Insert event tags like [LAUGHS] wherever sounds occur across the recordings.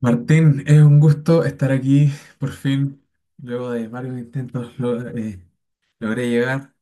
Martín, es un gusto estar aquí, por fin, luego de varios intentos logré llegar.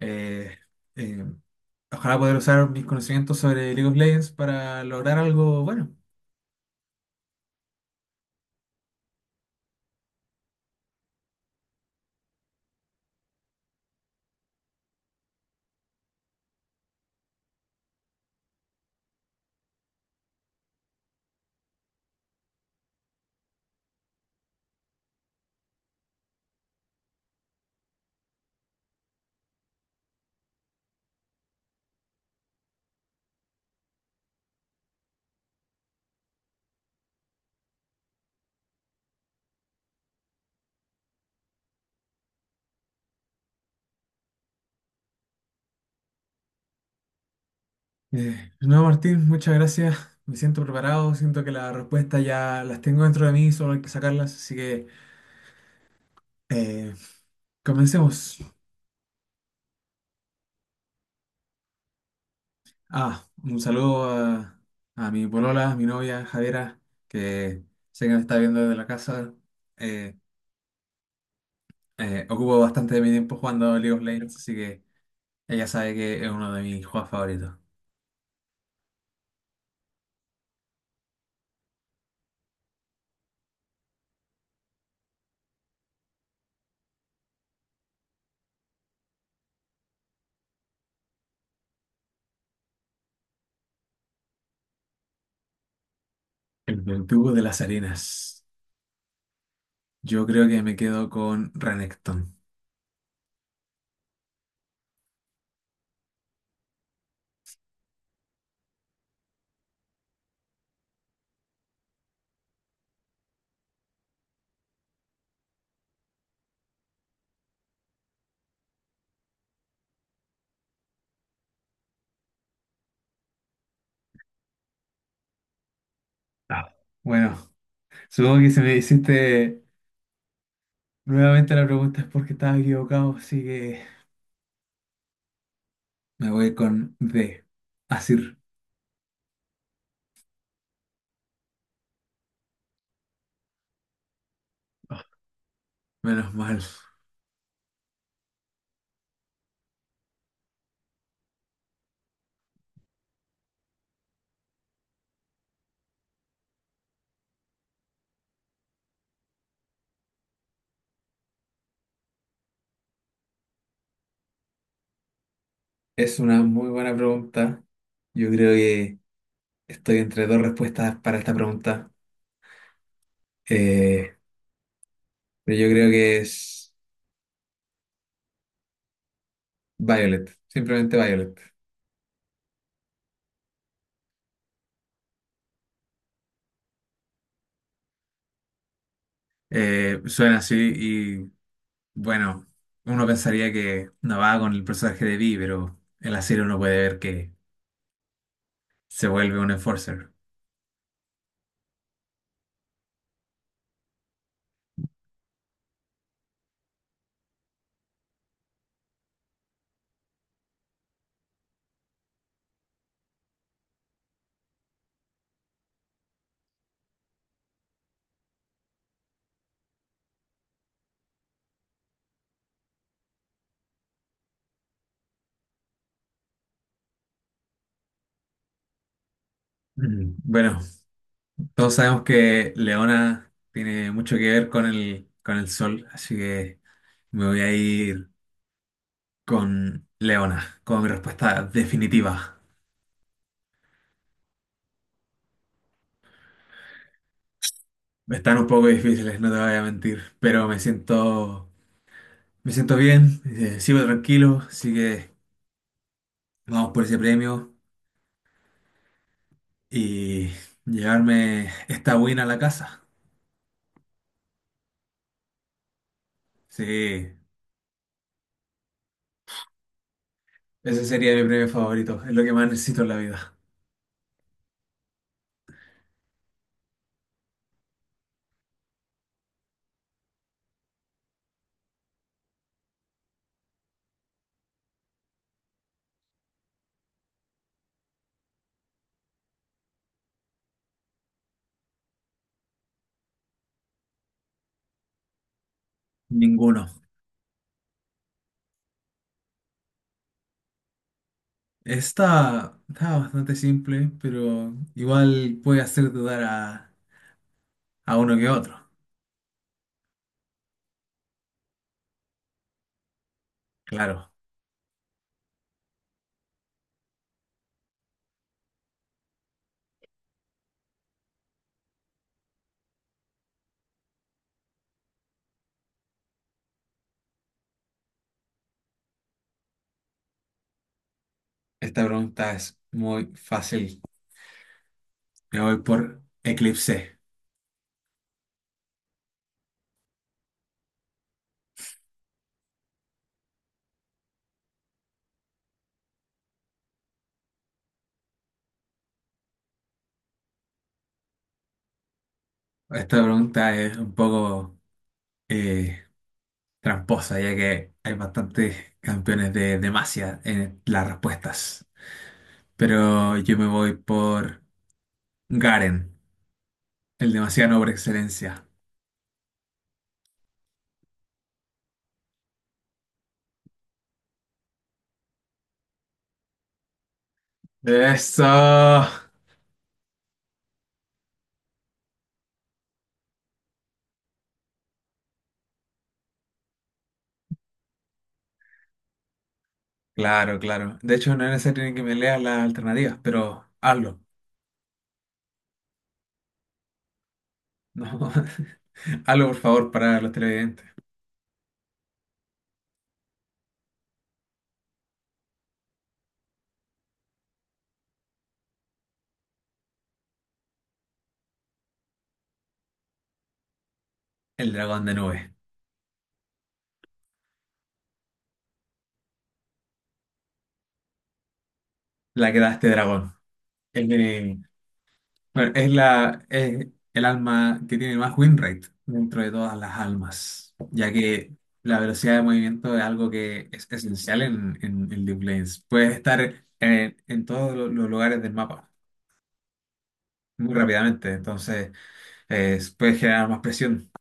Eh, eh, ojalá poder usar mis conocimientos sobre League of Legends para lograr algo bueno. No, Martín, muchas gracias. Me siento preparado, siento que las respuestas ya las tengo dentro de mí, solo hay que sacarlas, así que eh, comencemos. Ah, un saludo a mi polola, a mi novia, Javiera, que sé que me está viendo desde la casa. Eh, Ocupo bastante de mi tiempo jugando League of Legends, así que ella sabe que es uno de mis juegos favoritos. El del tubo de las arenas. Yo creo que me quedo con Renekton. Ah, bueno, supongo que si me hiciste nuevamente la pregunta es porque estaba equivocado, así que me voy con D. Asir. Ah, menos mal. Es una muy buena pregunta. Yo creo que estoy entre dos respuestas para esta pregunta. Eh, pero yo creo que es Violet, simplemente Violet. Suena así y bueno, uno pensaría que no va con el personaje de Vi, pero en la serie uno puede ver que se vuelve un enforcer. Mm, bueno, todos sabemos que Leona tiene mucho que ver con el sol, así que me voy a ir con Leona, como mi respuesta definitiva. Están un poco difíciles, no te voy a mentir, pero me siento bien, sigo tranquilo, así que vamos por ese premio y llevarme esta win a la casa. Sí, ese sería mi premio favorito. Es lo que más necesito en la vida. Ninguno. Está bastante simple, pero igual puede hacer dudar a uno que otro. Claro, esta pregunta es muy fácil. Me voy por eclipse. Esta pregunta es un poco eh, tramposa, ya que hay bastantes campeones de demasia en las respuestas. Pero yo me voy por Garen, el demasiado por excelencia. Eso. Claro, claro. De hecho, no es necesario que me leas las alternativas, pero hazlo. No. [LAUGHS] Hazlo, por favor, para los televidentes. El dragón de nube. La que da este dragón. El de... Bueno, es el alma que tiene más win rate dentro de todas las almas, ya que la velocidad de movimiento es algo que es esencial en League of Legends. Puedes estar en todos los lugares del mapa muy rápidamente, entonces puede generar más presión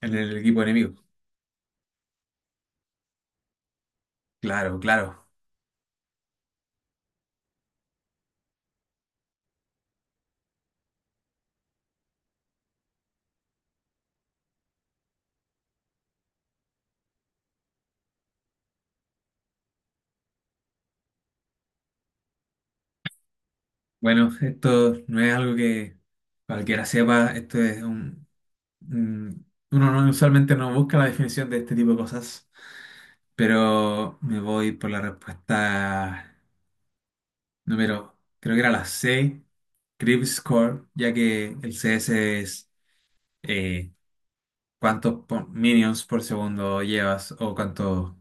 en el equipo enemigo. Claro, claro. Bueno, esto no es algo que cualquiera sepa. Esto es un- uno no, usualmente no busca la definición de este tipo de cosas, pero me voy por la respuesta número, creo que era la C, creep score, ya que el CS es eh, minions por segundo llevas o cuánto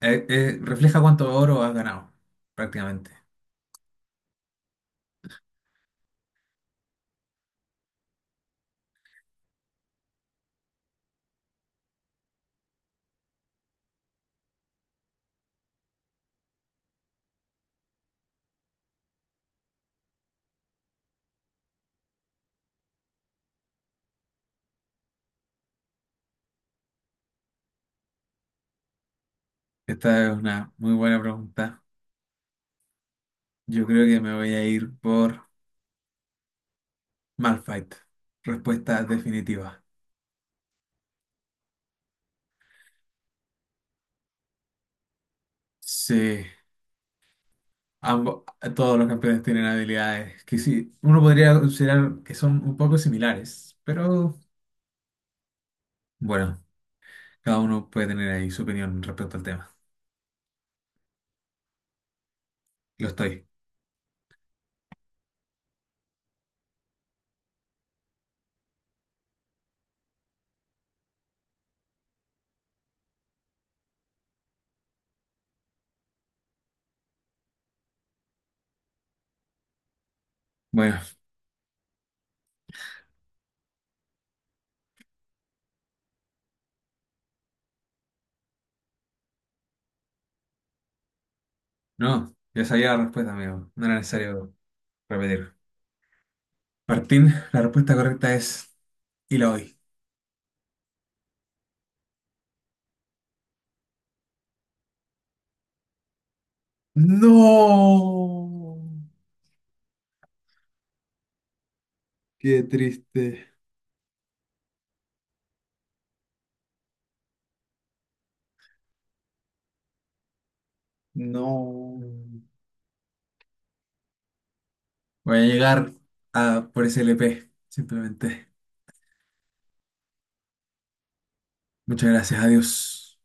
refleja cuánto oro has ganado, prácticamente. Esta es una muy buena pregunta. Yo creo que me voy a ir por Malphite. Respuesta definitiva. Sí, ambos, todos los campeones tienen habilidades que sí, uno podría considerar que son un poco similares, pero bueno, cada uno puede tener ahí su opinión respecto al tema. Lo estoy. Bueno, no, ya sabía la respuesta, amigo. No era necesario repetir. Martín, la respuesta correcta es Eloy. No, qué triste. No. Voy a llegar a por ese LP, simplemente. Muchas gracias, adiós.